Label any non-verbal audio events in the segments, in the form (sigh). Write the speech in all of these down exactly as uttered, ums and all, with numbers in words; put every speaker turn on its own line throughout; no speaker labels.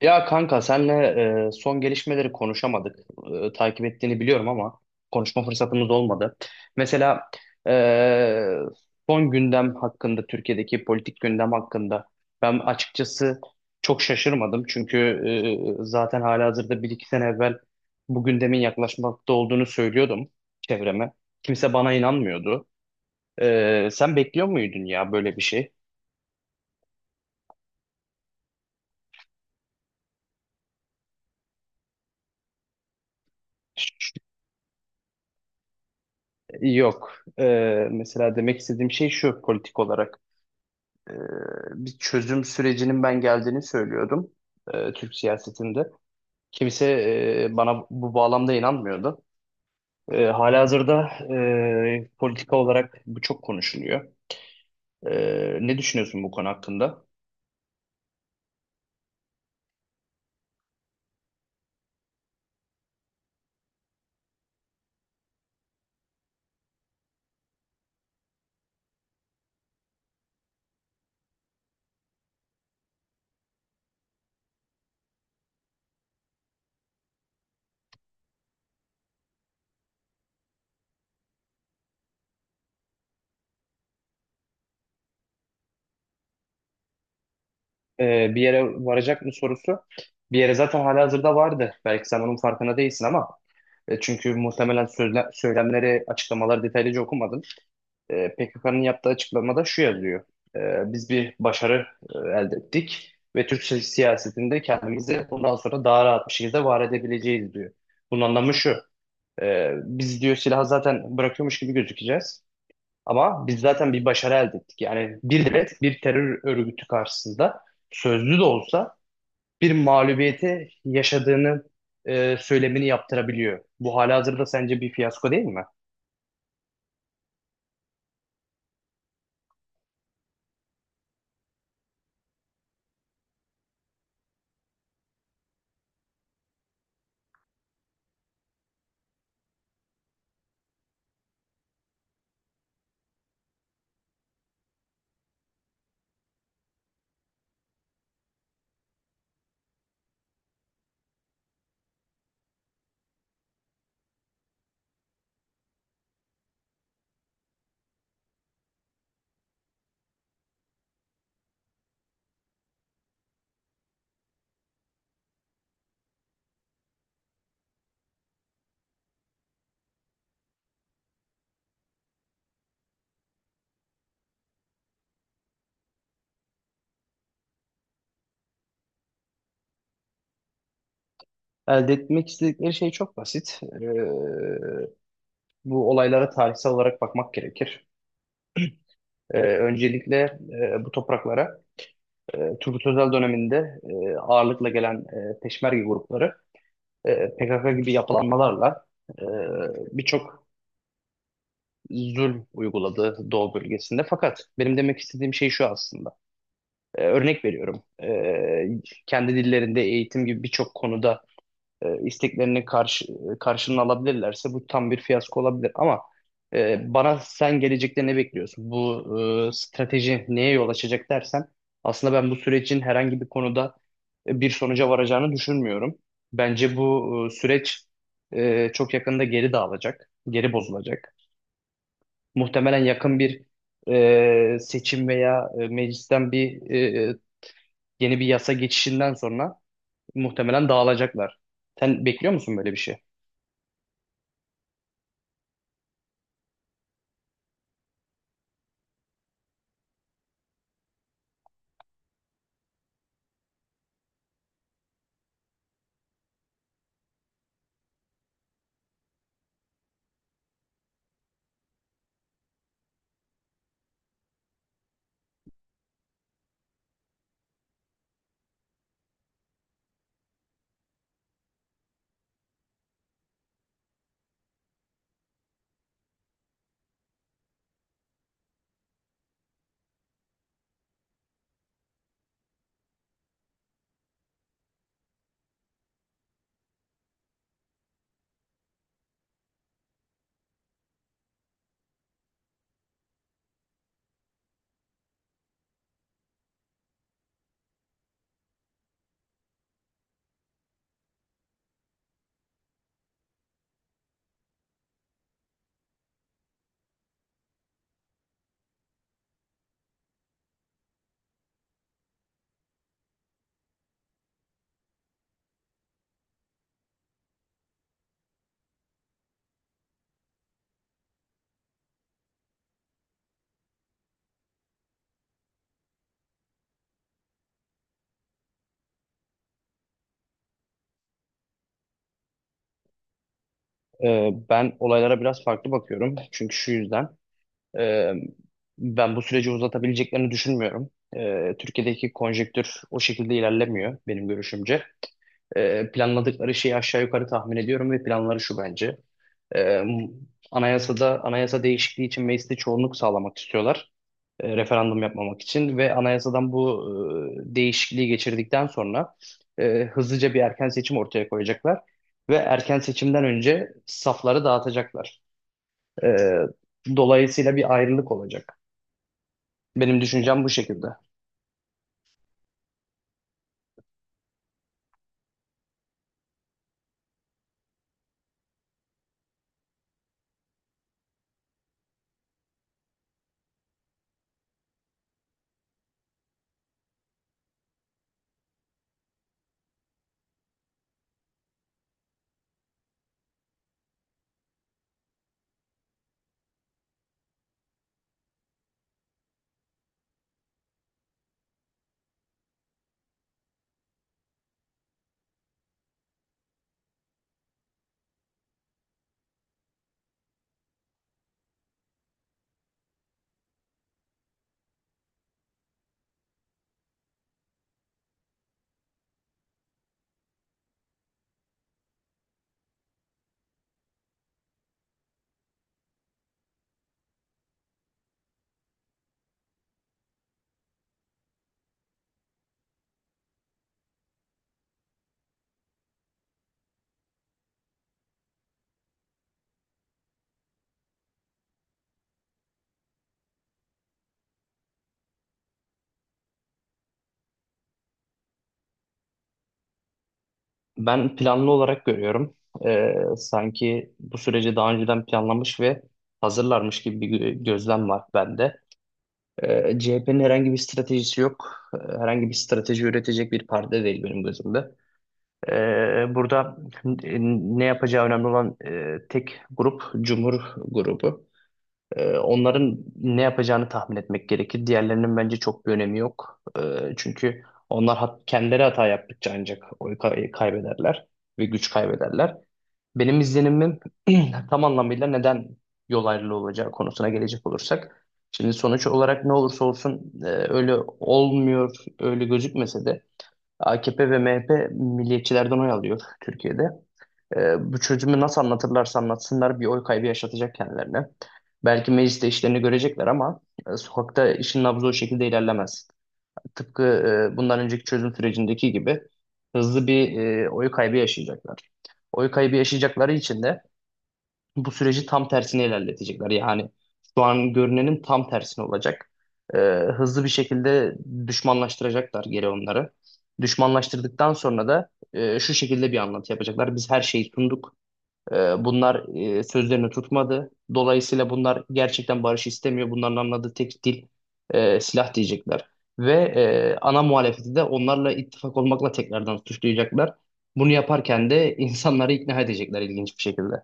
Ya kanka senle e, son gelişmeleri konuşamadık. E, takip ettiğini biliyorum ama konuşma fırsatımız olmadı. Mesela e, son gündem hakkında, Türkiye'deki politik gündem hakkında ben açıkçası çok şaşırmadım. Çünkü e, zaten halihazırda bir iki sene evvel bu gündemin yaklaşmakta olduğunu söylüyordum çevreme. Kimse bana inanmıyordu. E, sen bekliyor muydun ya böyle bir şey? Yok. E, Mesela demek istediğim şey şu politik olarak. e, Bir çözüm sürecinin ben geldiğini söylüyordum e, Türk siyasetinde. Kimse e, bana bu bağlamda inanmıyordu. E, halihazırda e, politika olarak bu çok konuşuluyor. E, ne düşünüyorsun bu konu hakkında? E, bir yere varacak mı sorusu, bir yere zaten halihazırda vardı. Belki sen onun farkına değilsin ama e, çünkü muhtemelen sözle- söylemleri, açıklamaları detaylıca okumadın. E, P K K'nın yaptığı açıklamada şu yazıyor. E, biz bir başarı e, elde ettik ve Türk si- siyasetinde kendimizi bundan sonra daha rahat bir şekilde var edebileceğiz diyor. Bunun anlamı şu. E, biz diyor silahı zaten bırakıyormuş gibi gözükeceğiz. Ama biz zaten bir başarı elde ettik. Yani bir devlet, bir terör örgütü karşısında sözlü de olsa bir mağlubiyeti yaşadığını e, söylemini yaptırabiliyor. Bu halihazırda sence bir fiyasko değil mi? Elde etmek istedikleri şey çok basit. Ee, bu olaylara tarihsel olarak bakmak gerekir. Ee, öncelikle e, bu topraklara e, Turgut Özal döneminde e, ağırlıkla gelen e, peşmerge grupları e, P K K gibi yapılanmalarla e, birçok zulm uyguladı Doğu bölgesinde. Fakat benim demek istediğim şey şu aslında. E, örnek veriyorum. E, kendi dillerinde eğitim gibi birçok konuda e, isteklerini karşı, e, karşılığını alabilirlerse bu tam bir fiyasko olabilir. Ama e, bana sen gelecekte ne bekliyorsun? Bu e, strateji neye yol açacak dersen aslında ben bu sürecin herhangi bir konuda e, bir sonuca varacağını düşünmüyorum. Bence bu e, süreç e, çok yakında geri dağılacak, geri bozulacak. Muhtemelen yakın bir e, seçim veya e, meclisten bir e, yeni bir yasa geçişinden sonra muhtemelen dağılacaklar. Sen bekliyor musun böyle bir şey? Ee, ben olaylara biraz farklı bakıyorum. Çünkü şu yüzden e, ben bu süreci uzatabileceklerini düşünmüyorum. Ee, Türkiye'deki konjektür o şekilde ilerlemiyor benim görüşümce. E, planladıkları şeyi aşağı yukarı tahmin ediyorum ve planları şu bence. E, anayasada Anayasa değişikliği için mecliste çoğunluk sağlamak istiyorlar. E, referandum yapmamak için ve anayasadan bu e, değişikliği geçirdikten sonra e, hızlıca bir erken seçim ortaya koyacaklar ve erken seçimden önce safları dağıtacaklar. E, Dolayısıyla bir ayrılık olacak. Benim düşüncem bu şekilde. Ben planlı olarak görüyorum. Ee, sanki bu süreci daha önceden planlamış ve hazırlarmış gibi bir gö- gözlem var bende. Ee, C H P'nin herhangi bir stratejisi yok. Ee, Herhangi bir strateji üretecek bir parti değil benim gözümde. Ee, burada n- ne yapacağı önemli olan e, tek grup Cumhur grubu. Ee, onların ne yapacağını tahmin etmek gerekir. Diğerlerinin bence çok bir önemi yok. Ee, çünkü onlar hat- kendileri hata yaptıkça ancak oy kay- kaybederler ve güç kaybederler. Benim izlenimim (clears throat) tam anlamıyla neden yol ayrılığı olacağı konusuna gelecek olursak. Şimdi sonuç olarak ne olursa olsun e, öyle olmuyor, öyle gözükmese de A K P ve M H P milliyetçilerden oy alıyor Türkiye'de. Ee, bu çözümü nasıl anlatırlarsa anlatsınlar bir oy kaybı yaşatacak kendilerine. Belki mecliste işlerini görecekler ama e, sokakta işin nabzı o şekilde ilerlemez. Tıpkı e, bundan önceki çözüm sürecindeki gibi hızlı bir e, oy kaybı yaşayacaklar. Oy kaybı yaşayacakları için de bu süreci tam tersine ilerletecekler. Yani şu an görünenin tam tersine olacak. Ee, Hızlı bir şekilde düşmanlaştıracaklar geri onları. Düşmanlaştırdıktan sonra da e, şu şekilde bir anlatı yapacaklar. Biz her şeyi sunduk. Ee, bunlar e, sözlerini tutmadı. Dolayısıyla bunlar gerçekten barış istemiyor. Bunların anladığı tek dil e, silah diyecekler. Ve e, ana muhalefeti de onlarla ittifak olmakla tekrardan suçlayacaklar. Bunu yaparken de (laughs) insanları ikna edecekler ilginç bir şekilde.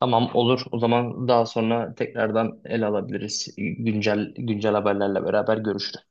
Tamam olur. O zaman daha sonra tekrardan ele alabiliriz. Güncel güncel haberlerle beraber görüşürüz.